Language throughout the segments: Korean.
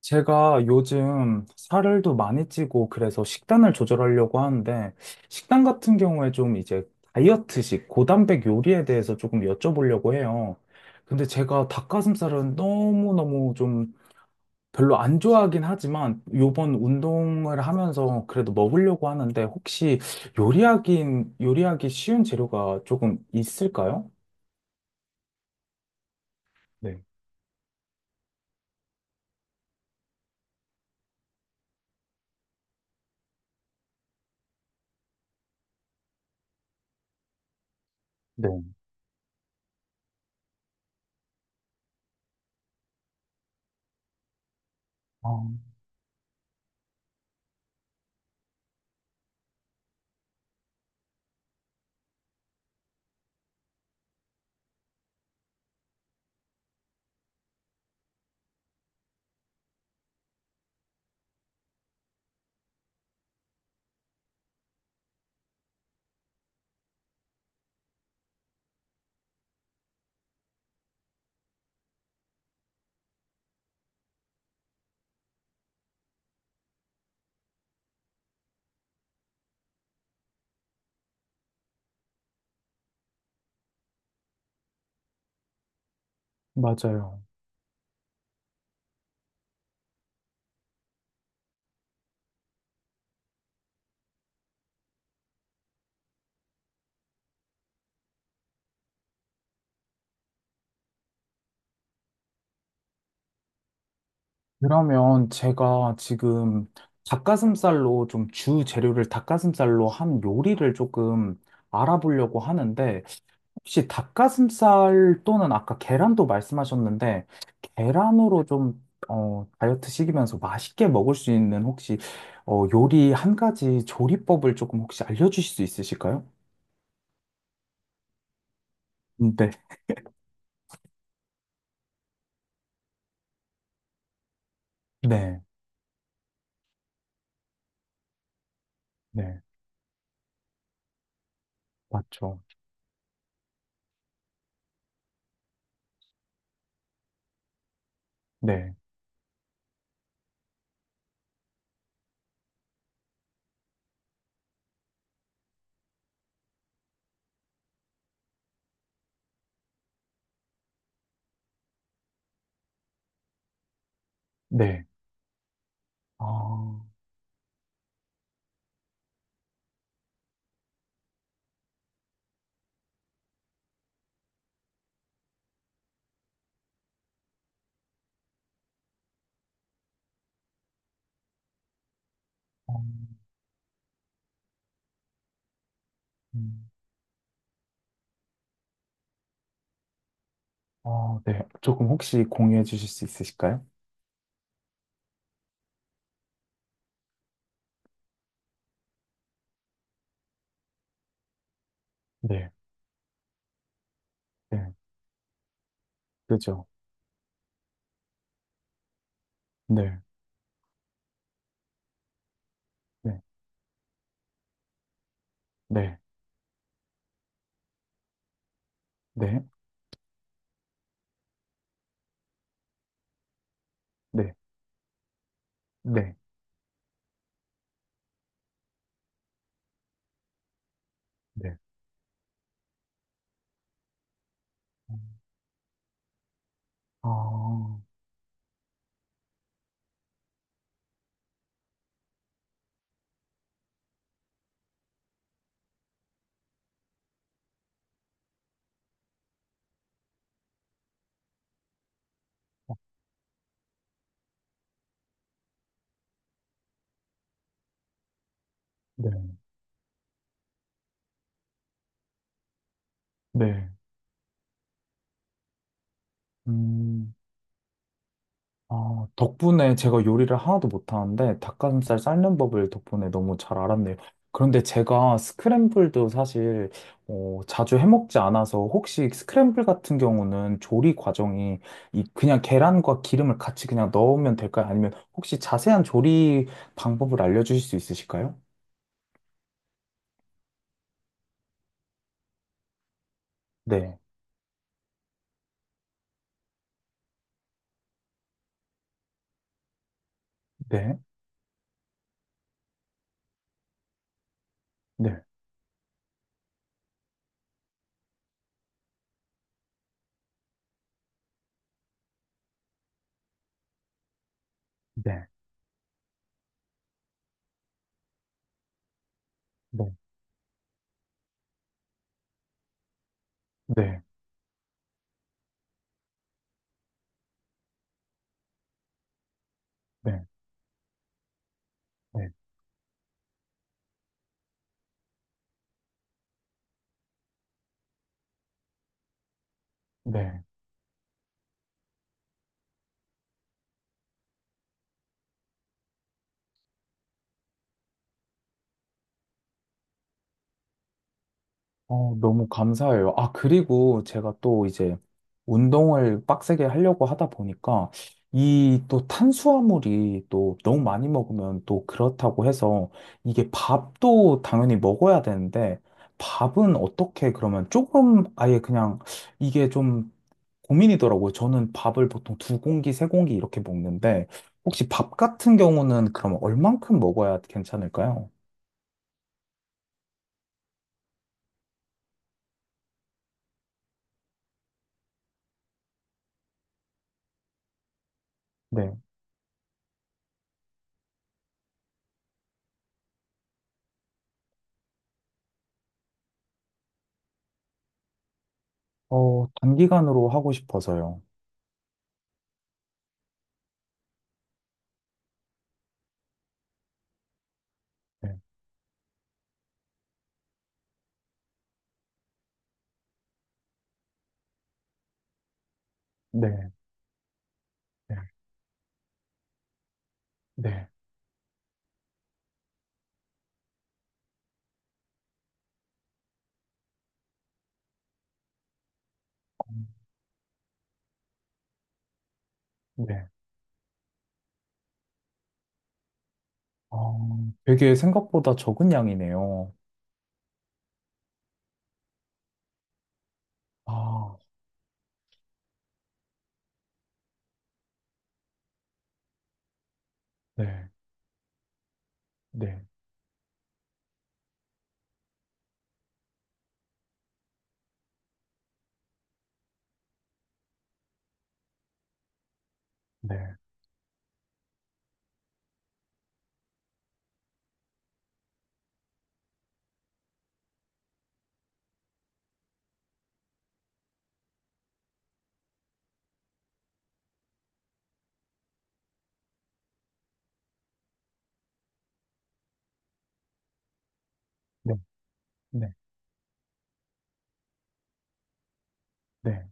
제가 요즘 살을 도 많이 찌고 그래서 식단을 조절하려고 하는데 식단 같은 경우에 좀 이제 다이어트식 고단백 요리에 대해서 조금 여쭤보려고 해요. 근데 제가 닭가슴살은 너무너무 좀 별로 안 좋아하긴 하지만 요번 운동을 하면서 그래도 먹으려고 하는데 혹시 요리하기 요리하기 쉬운 재료가 조금 있을까요? 네. 네. 아, 맞아요. 그러면 제가 지금 닭가슴살로 좀 주 재료를 닭가슴살로 한 요리를 조금 알아보려고 하는데 혹시 닭가슴살 또는 아까 계란도 말씀하셨는데 계란으로 좀 다이어트 시키면서 맛있게 먹을 수 있는 혹시 요리 한 가지 조리법을 조금 혹시 알려주실 수 있으실까요? 네, 네, 네, 맞죠. 네, 네. 아, 어, 음. 아, 네. 조금 혹시 공유해 주실 수 있으실까요? 네, 네, 그죠. 네, 네, 네, 네, 네, 네, 네. 음, 아, 네, 네. 음. 아, 덕분에 제가 요리를 하나도 못하는데 닭가슴살 삶는 법을 덕분에 너무 잘 알았네요. 그런데 제가 스크램블도 사실 자주 해먹지 않아서 혹시 스크램블 같은 경우는 조리 과정이 이 그냥 계란과 기름을 같이 그냥 넣으면 될까요? 아니면 혹시 자세한 조리 방법을 알려주실 수 있으실까요? 네, 네, 네, 네, 네, 네, 네, 네, 네. 네. 어, 너무 감사해요. 아, 그리고 제가 또 이제 운동을 빡세게 하려고 하다 보니까 이 또 탄수화물이 또 너무 많이 먹으면 또 그렇다고 해서 이게 밥도 당연히 먹어야 되는데 밥은 어떻게 그러면 조금 아예 그냥 이게 좀 고민이더라고요. 저는 밥을 보통 두 공기, 세 공기 이렇게 먹는데 혹시 밥 같은 경우는 그럼 얼만큼 먹어야 괜찮을까요? 네. 어, 단기간으로 하고 싶어서요. 네, 네, 네, 어, 네. 어, 되게 생각보다 적은 양이네요. 아, 네, 네, 네, 네, 네, 네.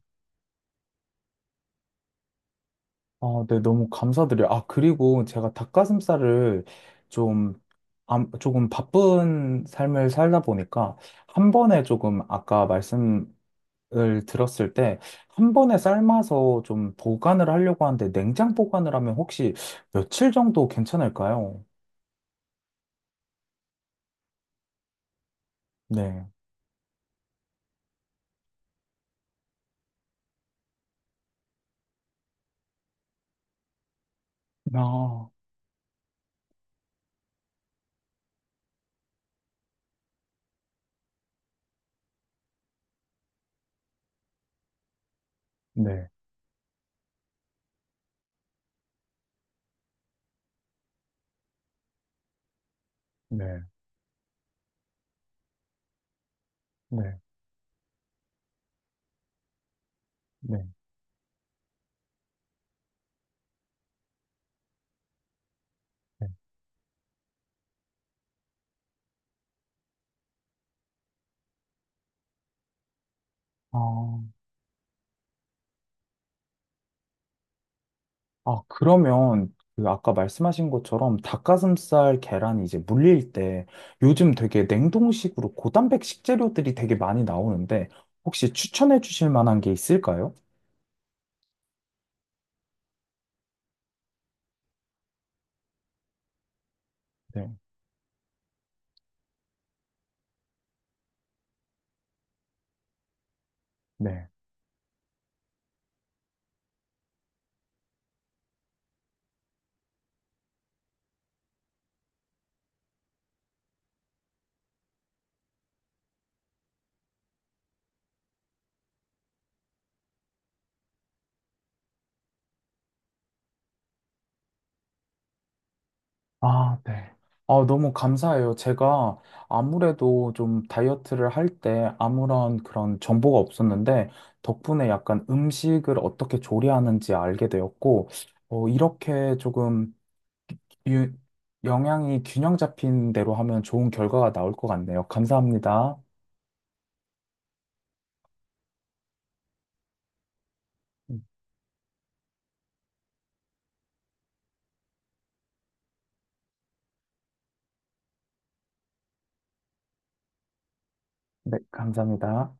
아, 네, 너무 감사드려요. 아, 그리고 제가 닭가슴살을 좀, 조금 바쁜 삶을 살다 보니까 한 번에 조금 아까 말씀을 들었을 때 한 번에 삶아서 좀 보관을 하려고 하는데 냉장 보관을 하면 혹시 며칠 정도 괜찮을까요? 네. 아, 네. 네. 네, 네, 네. 아, 아, 그러면 그 아까 말씀하신 것처럼 닭가슴살 계란이 이제 물릴 때 요즘 되게 냉동식으로 고단백 식재료들이 되게 많이 나오는데 혹시 추천해 주실 만한 게 있을까요? 네, 네. 아, 네. 아, 너무 감사해요. 제가 아무래도 좀 다이어트를 할 때 아무런 그런 정보가 없었는데 덕분에 약간 음식을 어떻게 조리하는지 알게 되었고 이렇게 조금 유, 영양이 균형 잡힌 대로 하면 좋은 결과가 나올 것 같네요. 감사합니다. 음. 네, 감사합니다.